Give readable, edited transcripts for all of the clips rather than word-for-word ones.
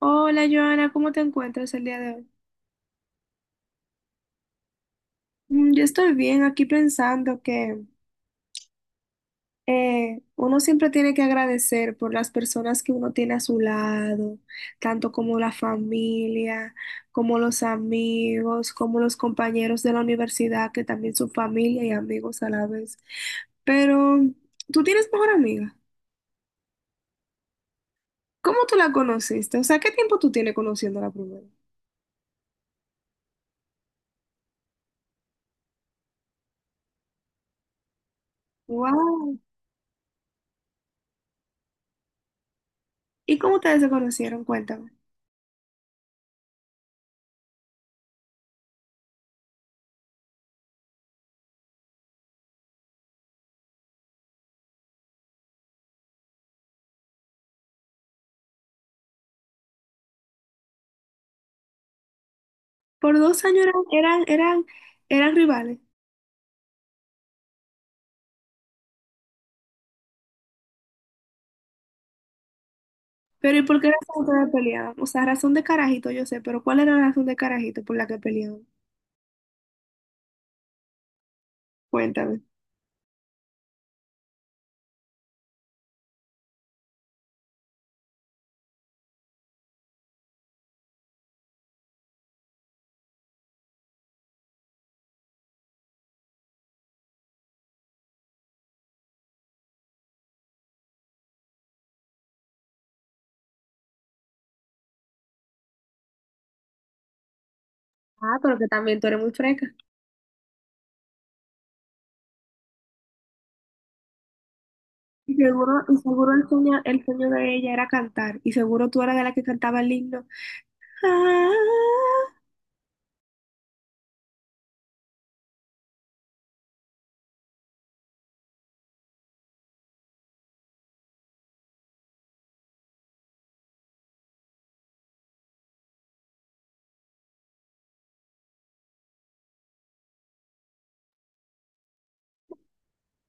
Hola Joana, ¿cómo te encuentras el día de hoy? Yo estoy bien aquí pensando que uno siempre tiene que agradecer por las personas que uno tiene a su lado, tanto como la familia, como los amigos, como los compañeros de la universidad, que también son familia y amigos a la vez. Pero tú tienes mejor amiga. ¿Cómo tú la conociste? O sea, ¿qué tiempo tú tienes conociéndola primero? Wow. ¿Y cómo ustedes se conocieron? Cuéntame. Por 2 años eran rivales. Pero ¿y por qué razón ustedes peleaban? O sea, razón de carajito, yo sé, pero ¿cuál era la razón de carajito por la que peleaban? Cuéntame. Ah, pero que también tú eres muy fresca. Y seguro el sueño de ella era cantar. Y seguro tú eras de la que cantaba el himno. Ah,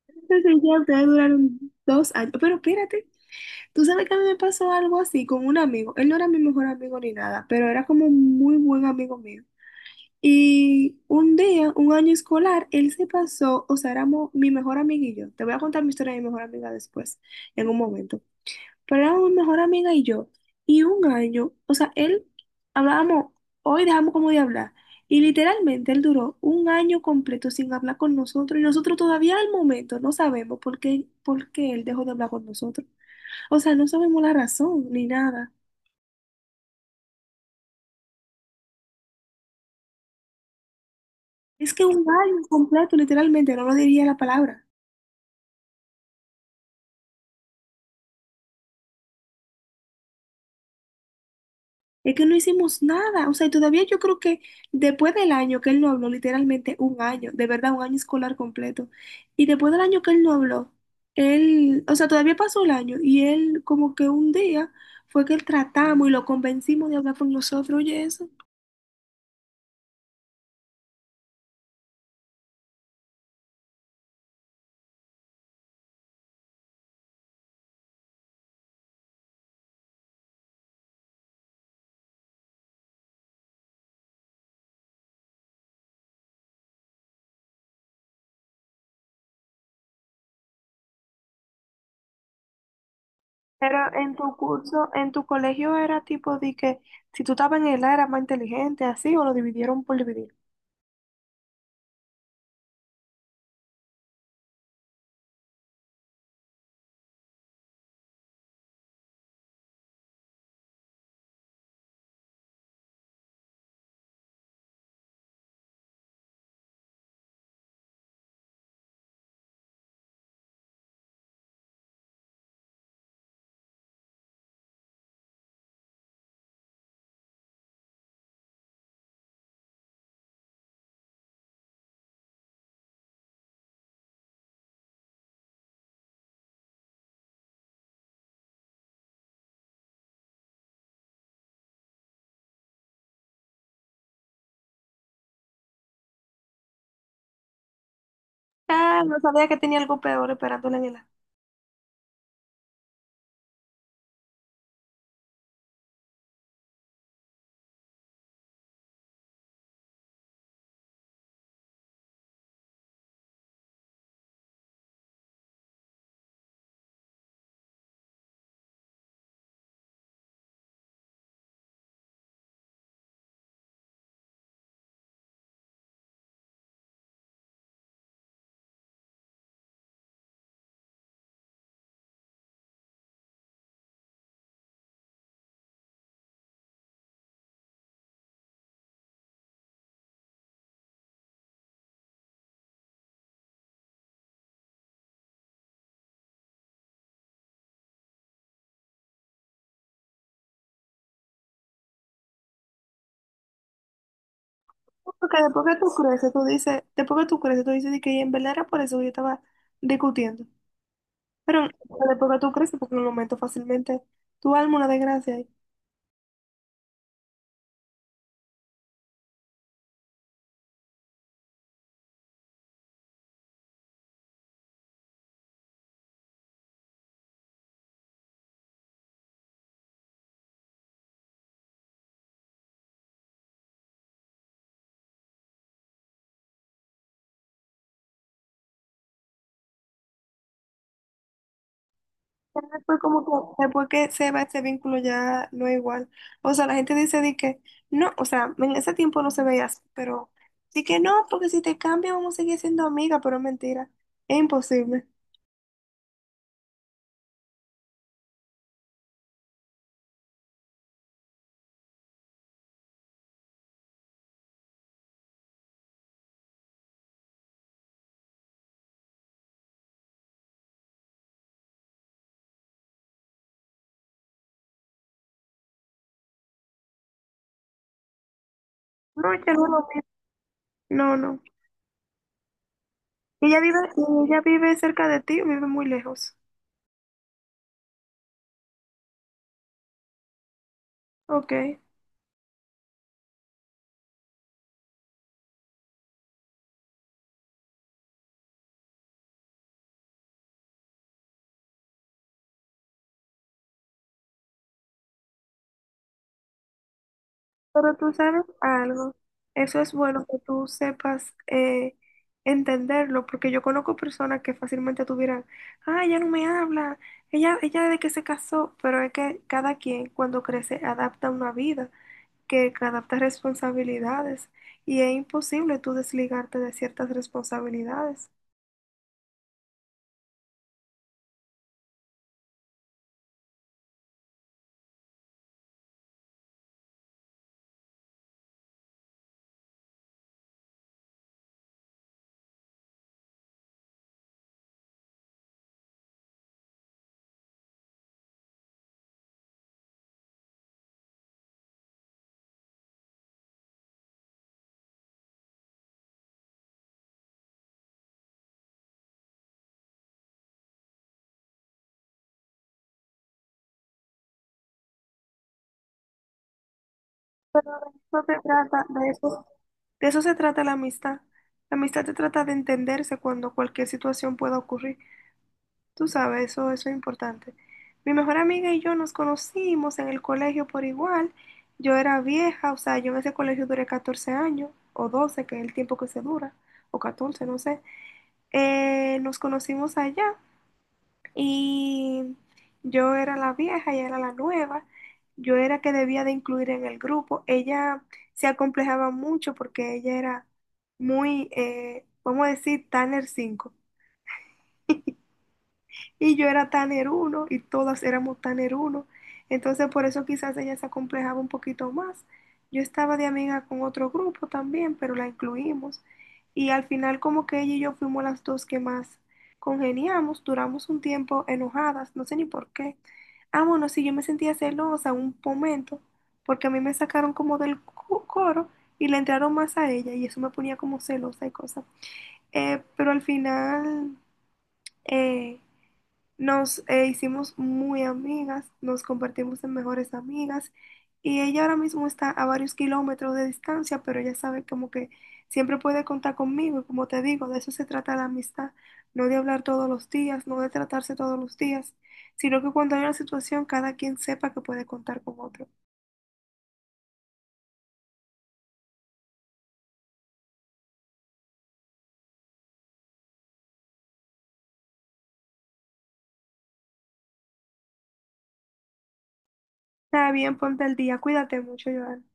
entonces ya ustedes duraron 2 años. Pero espérate, tú sabes que a mí me pasó algo así con un amigo. Él no era mi mejor amigo ni nada, pero era como un muy buen amigo mío. Y un día, un año escolar, él se pasó, o sea, éramos mi mejor amiga y yo. Te voy a contar mi historia de mi mejor amiga después, en un momento. Pero éramos mi mejor amiga y yo. Y un año, o sea, él hablábamos, hoy dejamos como de hablar. Y literalmente él duró un año completo sin hablar con nosotros. Y nosotros todavía al momento no sabemos por qué él dejó de hablar con nosotros. O sea, no sabemos la razón ni nada. Es que un año completo, literalmente, no lo diría la palabra. Es que no hicimos nada, o sea, y todavía yo creo que después del año que él no habló, literalmente un año, de verdad, un año escolar completo, y después del año que él no habló, él, o sea, todavía pasó el año y él como que un día fue que él tratamos y lo convencimos de hablar con nosotros, oye eso. Pero en tu curso, en tu colegio era tipo de que si tú estabas en el A eras más inteligente, así, o lo dividieron por dividir. Ah, no sabía que tenía algo peor esperándole en el A. Porque después que tú creces, tú dices, después que tú creces, tú dices de que en verdad era por eso que yo estaba discutiendo. Pero después que tú creces, porque en el momento fácilmente tu alma una desgracia ahí. Pero después, como que, después que se va ese vínculo ya no es igual. O sea, la gente dice de que no, o sea, en ese tiempo no se veía así, pero sí que no, porque si te cambia vamos a seguir siendo amigas, pero es mentira, es imposible. No, ya no lo vi. No, no. Ella vive cerca de ti, o vive muy lejos. Ok. Pero tú sabes algo, eso es bueno que tú sepas entenderlo, porque yo conozco personas que fácilmente tuvieran, ah, ella no me habla, ella desde que se casó, pero es que cada quien cuando crece adapta una vida, que adapta responsabilidades, y es imposible tú desligarte de ciertas responsabilidades. Pero de eso se trata, de eso se trata la amistad. La amistad se trata de entenderse cuando cualquier situación pueda ocurrir. Tú sabes, eso es importante. Mi mejor amiga y yo nos conocimos en el colegio por igual. Yo era vieja, o sea, yo en ese colegio duré 14 años, o 12, que es el tiempo que se dura, o 14, no sé. Nos conocimos allá y yo era la vieja, ella era la nueva. Yo era que debía de incluir en el grupo. Ella se acomplejaba mucho porque ella era muy, vamos a decir, Tanner 5. Y yo era tan eruno y todas éramos tan eruno. Entonces por eso quizás ella se acomplejaba un poquito más. Yo estaba de amiga con otro grupo también, pero la incluimos. Y al final como que ella y yo fuimos las dos que más congeniamos, duramos un tiempo enojadas, no sé ni por qué. Ah, bueno, sí, yo me sentía celosa un momento, porque a mí me sacaron como del coro y le entraron más a ella y eso me ponía como celosa y cosas. Pero al final eh, nos hicimos muy amigas, nos convertimos en mejores amigas y ella ahora mismo está a varios kilómetros de distancia, pero ella sabe como que siempre puede contar conmigo y como te digo, de eso se trata la amistad, no de hablar todos los días, no de tratarse todos los días, sino que cuando hay una situación cada quien sepa que puede contar con otro. Está bien, ponte el día, cuídate mucho, Joan.